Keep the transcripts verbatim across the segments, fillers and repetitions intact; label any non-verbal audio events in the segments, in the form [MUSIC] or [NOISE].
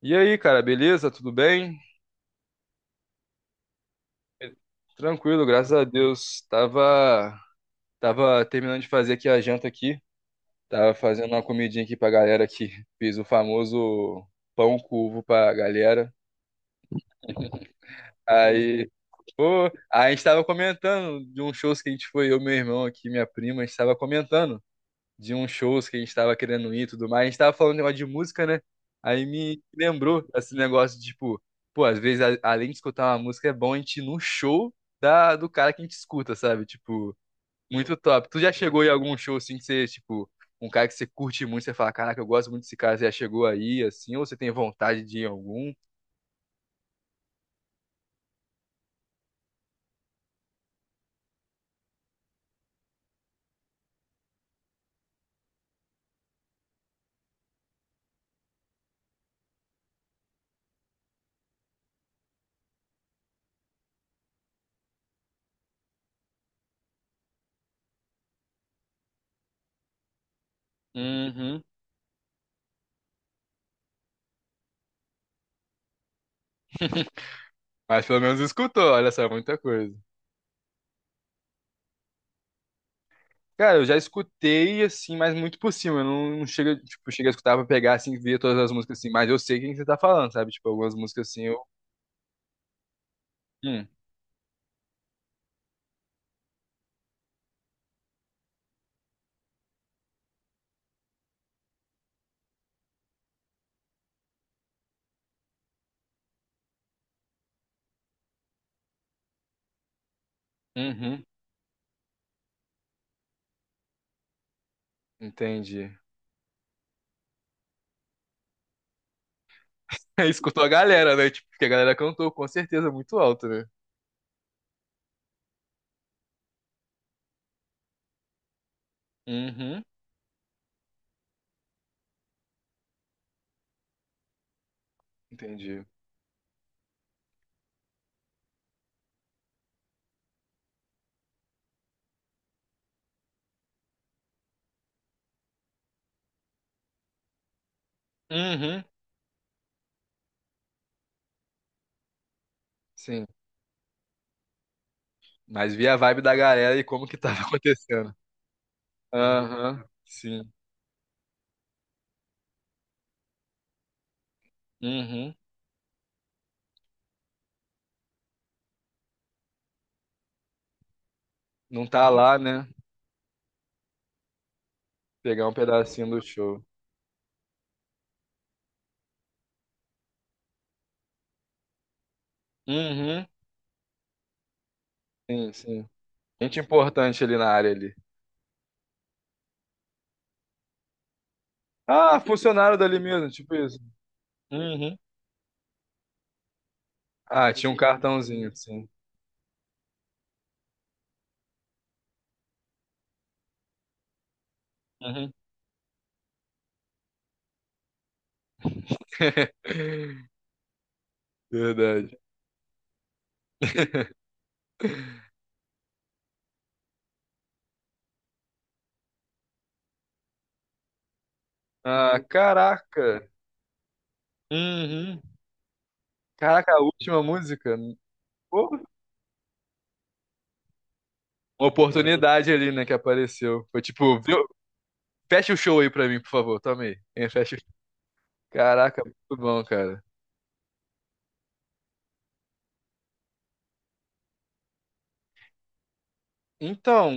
E aí, cara, beleza? Tudo bem? Tranquilo, graças a Deus. Tava, tava terminando de fazer aqui a janta aqui. Tava fazendo uma comidinha aqui pra galera aqui. Fiz o famoso pão com ovo pra galera. Aí, pô, a gente tava comentando de uns shows que a gente foi, eu, meu irmão aqui, minha prima, a gente tava comentando de uns shows que a gente tava querendo ir e tudo mais. A gente tava falando um negócio de música, né? Aí me lembrou esse negócio de, tipo, pô, às vezes, a- além de escutar uma música, é bom a gente ir num show da, do cara que a gente escuta, sabe? Tipo, muito top. Tu já chegou em algum show assim que você, tipo, um cara que você curte muito, você fala, caraca, eu gosto muito desse cara, você já chegou aí, assim, ou você tem vontade de ir em algum? Uhum. Mas pelo menos escutou, olha só, muita coisa. Cara, eu já escutei, assim, mas muito por cima. Eu não, não chega, tipo, cheguei a escutar pra pegar, assim, ver todas as músicas, assim. Mas eu sei quem você tá falando, sabe? Tipo, algumas músicas, assim, eu... Hum, uhum, entendi. [LAUGHS] Aí escutou a galera, né? Tipo, porque a galera cantou, com certeza, muito alto, né? Uhum, entendi. Uhum, sim. Mas vi a vibe da galera e como que tava [LAUGHS] acontecendo. Aham, sim. Uhum. Não tá lá, né? Pegar um pedacinho do show. Uhum, sim, sim. Gente importante ali na área ali. Ah, funcionário dali mesmo, tipo isso. Uhum, ah, tinha um cartãozinho, sim. Uhum, [LAUGHS] verdade. Ah, caraca. Uhum. Caraca, a última música. Pô, uma oportunidade ali, né, que apareceu. Foi tipo, viu? Fecha o show aí pra mim, por favor. Toma aí. É, fecha. o- Caraca, muito bom, cara. Então,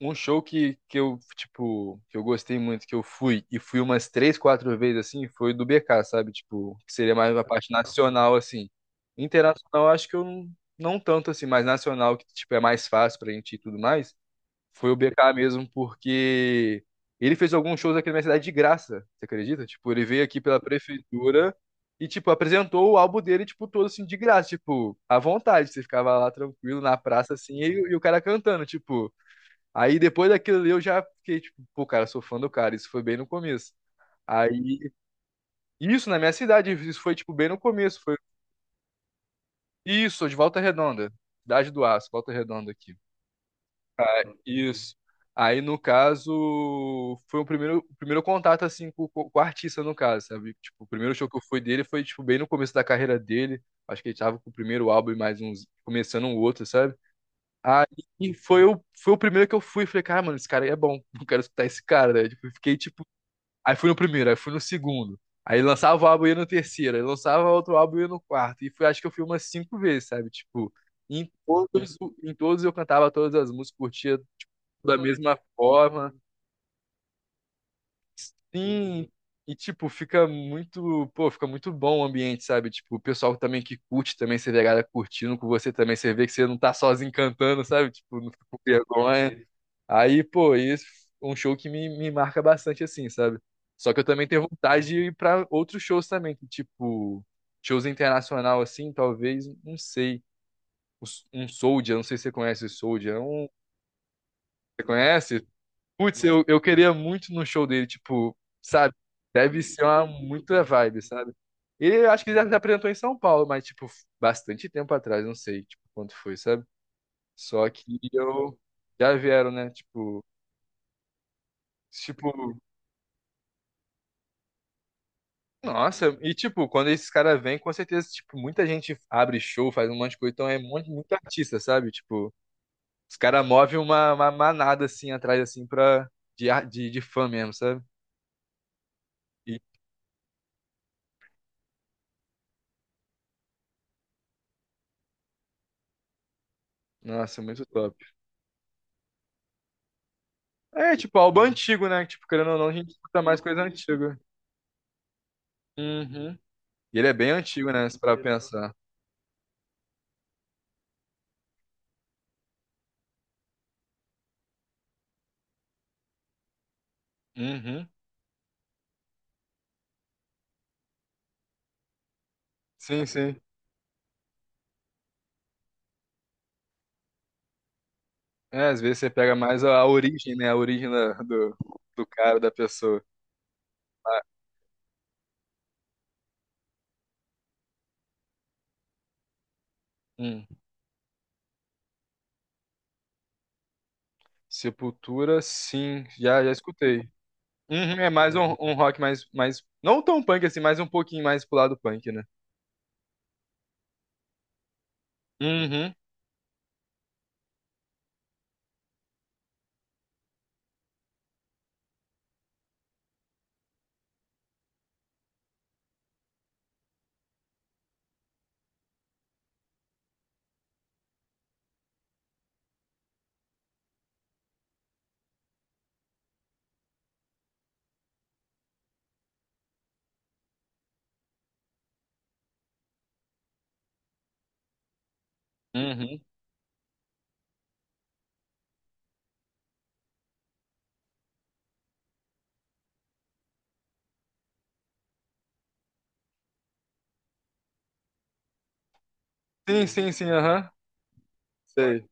um show que, que eu, tipo, que eu gostei muito, que eu fui, e fui umas três, quatro vezes, assim, foi do B K, sabe? Tipo, que seria mais uma parte nacional, assim. Internacional, acho que eu não, não tanto, assim, mas nacional, que, tipo, é mais fácil pra gente ir e tudo mais, foi o B K mesmo, porque ele fez alguns shows aqui na minha cidade de graça, você acredita? Tipo, ele veio aqui pela prefeitura e, tipo, apresentou o álbum dele, tipo, todo assim, de graça, tipo, à vontade. Você ficava lá tranquilo na praça, assim, e, e o cara cantando, tipo. Aí depois daquilo ali eu já fiquei tipo, pô, cara, sou fã do cara. Isso foi bem no começo. Aí, isso na minha cidade, isso foi tipo bem no começo. Foi isso, sou de Volta Redonda, Cidade do Aço, Volta Redonda aqui. Isso. Aí no caso, foi o primeiro, o primeiro contato assim com, com o artista no caso, sabe? Tipo, o primeiro show que eu fui dele foi tipo bem no começo da carreira dele. Acho que ele tava com o primeiro álbum e mais uns começando um outro, sabe? Aí foi o, foi o primeiro que eu fui. Falei, cara, mano, esse cara aí é bom. [LAUGHS] Eu quero escutar esse cara, né? Tipo, fiquei, tipo, aí fui no primeiro, aí fui no segundo. Aí lançava o álbum e ia no terceiro, aí lançava outro álbum e ia no quarto. E fui, acho que eu fui umas cinco vezes, sabe? Tipo, em todos, em todos eu cantava todas as músicas, curtia da mesma forma. Sim, e tipo, fica muito, pô, fica muito bom o ambiente, sabe? Tipo, o pessoal também que curte também, você vê a galera curtindo com você também, você vê que você não tá sozinho cantando, sabe? Tipo, não fica com vergonha. Aí, pô, isso é um show que me, me marca bastante assim, sabe? Só que eu também tenho vontade de ir pra outros shows também, que tipo, shows internacional assim, talvez, não sei. Um um Soldier, não sei se você conhece o Soldier. É um, você conhece? Putz, eu, eu queria muito no show dele, tipo, sabe? Deve ser uma muita vibe, sabe? Ele eu acho que ele já se apresentou em São Paulo, mas, tipo, bastante tempo atrás, não sei, tipo, quanto foi, sabe? Só que eu já vieram, né? Tipo, tipo, nossa, e tipo, quando esses caras vêm, com certeza, tipo, muita gente abre show, faz um monte de coisa, então é um monte, muito artista, sabe? Tipo, os caras movem uma, uma manada assim atrás, assim, pra, de, ar- de, de fã mesmo, sabe? E, nossa, muito top. É, tipo, álbum antigo, né? Tipo, querendo ou não, a gente escuta mais coisa antiga. Uhum. E ele é bem antigo, né? Se parar pra pensar. Uhum. Sim, sim. É, às vezes você pega mais a, a origem, né? A origem da- do do cara, da pessoa. Ah, hum. Sepultura, sim. Já, já escutei. Uhum, é mais um, um rock mais, mais. Não tão punk assim, mas um pouquinho mais pro lado punk, né? Uhum. Uhum. Sim, sim, sim, aham. Sei.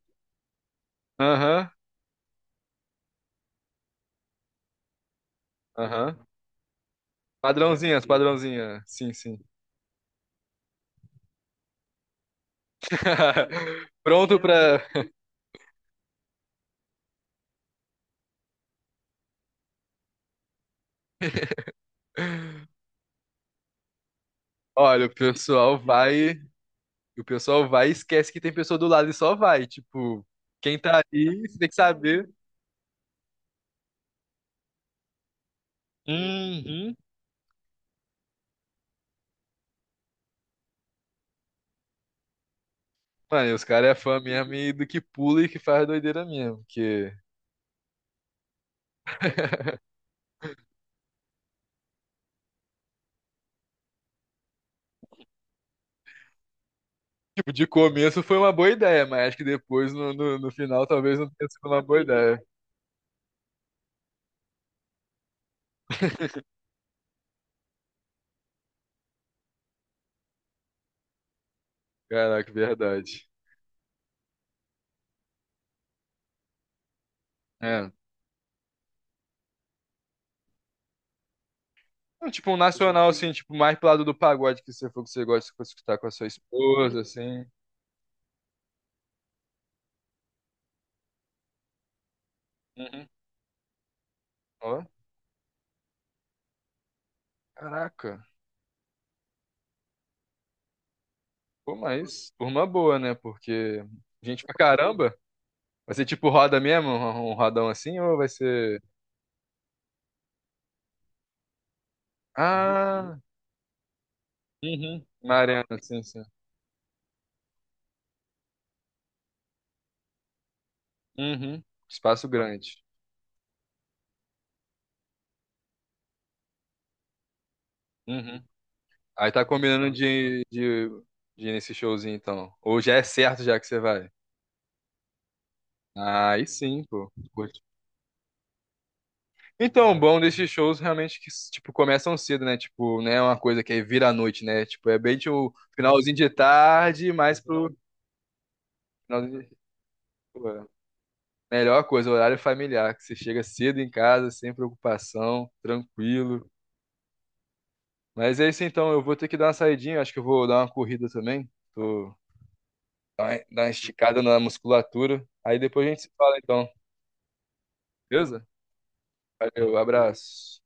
Aham. Aham. Padrãozinha, padrãozinha. Sim, sim. [LAUGHS] Pronto pra. Olha, o pessoal vai. O pessoal vai e esquece que tem pessoa do lado e só vai. Tipo, quem tá aí, você tem que saber. Uhum. Mano, e os caras é fã mesmo e do que pula e que faz doideira mesmo. Que, [LAUGHS] tipo, de começo foi uma boa ideia, mas acho que depois, no, no, no final, talvez não tenha sido uma boa ideia. Caraca, verdade. É. Não, tipo, um nacional, assim, tipo, mais pro lado do pagode que você for que você gosta de escutar com a sua esposa, assim. Uhum. Ó, caraca. Pô, mas por uma boa, né? Porque gente pra caramba. Vai ser tipo roda mesmo, um um um rodão assim, ou vai ser. Ah, uhum. Uma arena, sim, sim. Uhum. Espaço grande. Uhum. Aí tá combinando de, de, de ir nesse showzinho, então. Ou já é certo já que você vai? Aí sim, pô. Curte. Então, o bom desses shows realmente que, tipo, começam cedo, né? Tipo, não é uma coisa que aí vira à noite, né? Tipo, é bem o finalzinho de tarde, mais pro. finalzinho de- Melhor coisa, horário familiar, que você chega cedo em casa, sem preocupação, tranquilo. Mas é isso então, eu vou ter que dar uma saidinha, acho que eu vou dar uma corrida também. Tô... Dar uma dar uma esticada na musculatura. Aí depois a gente se fala então, beleza? Valeu, abraço.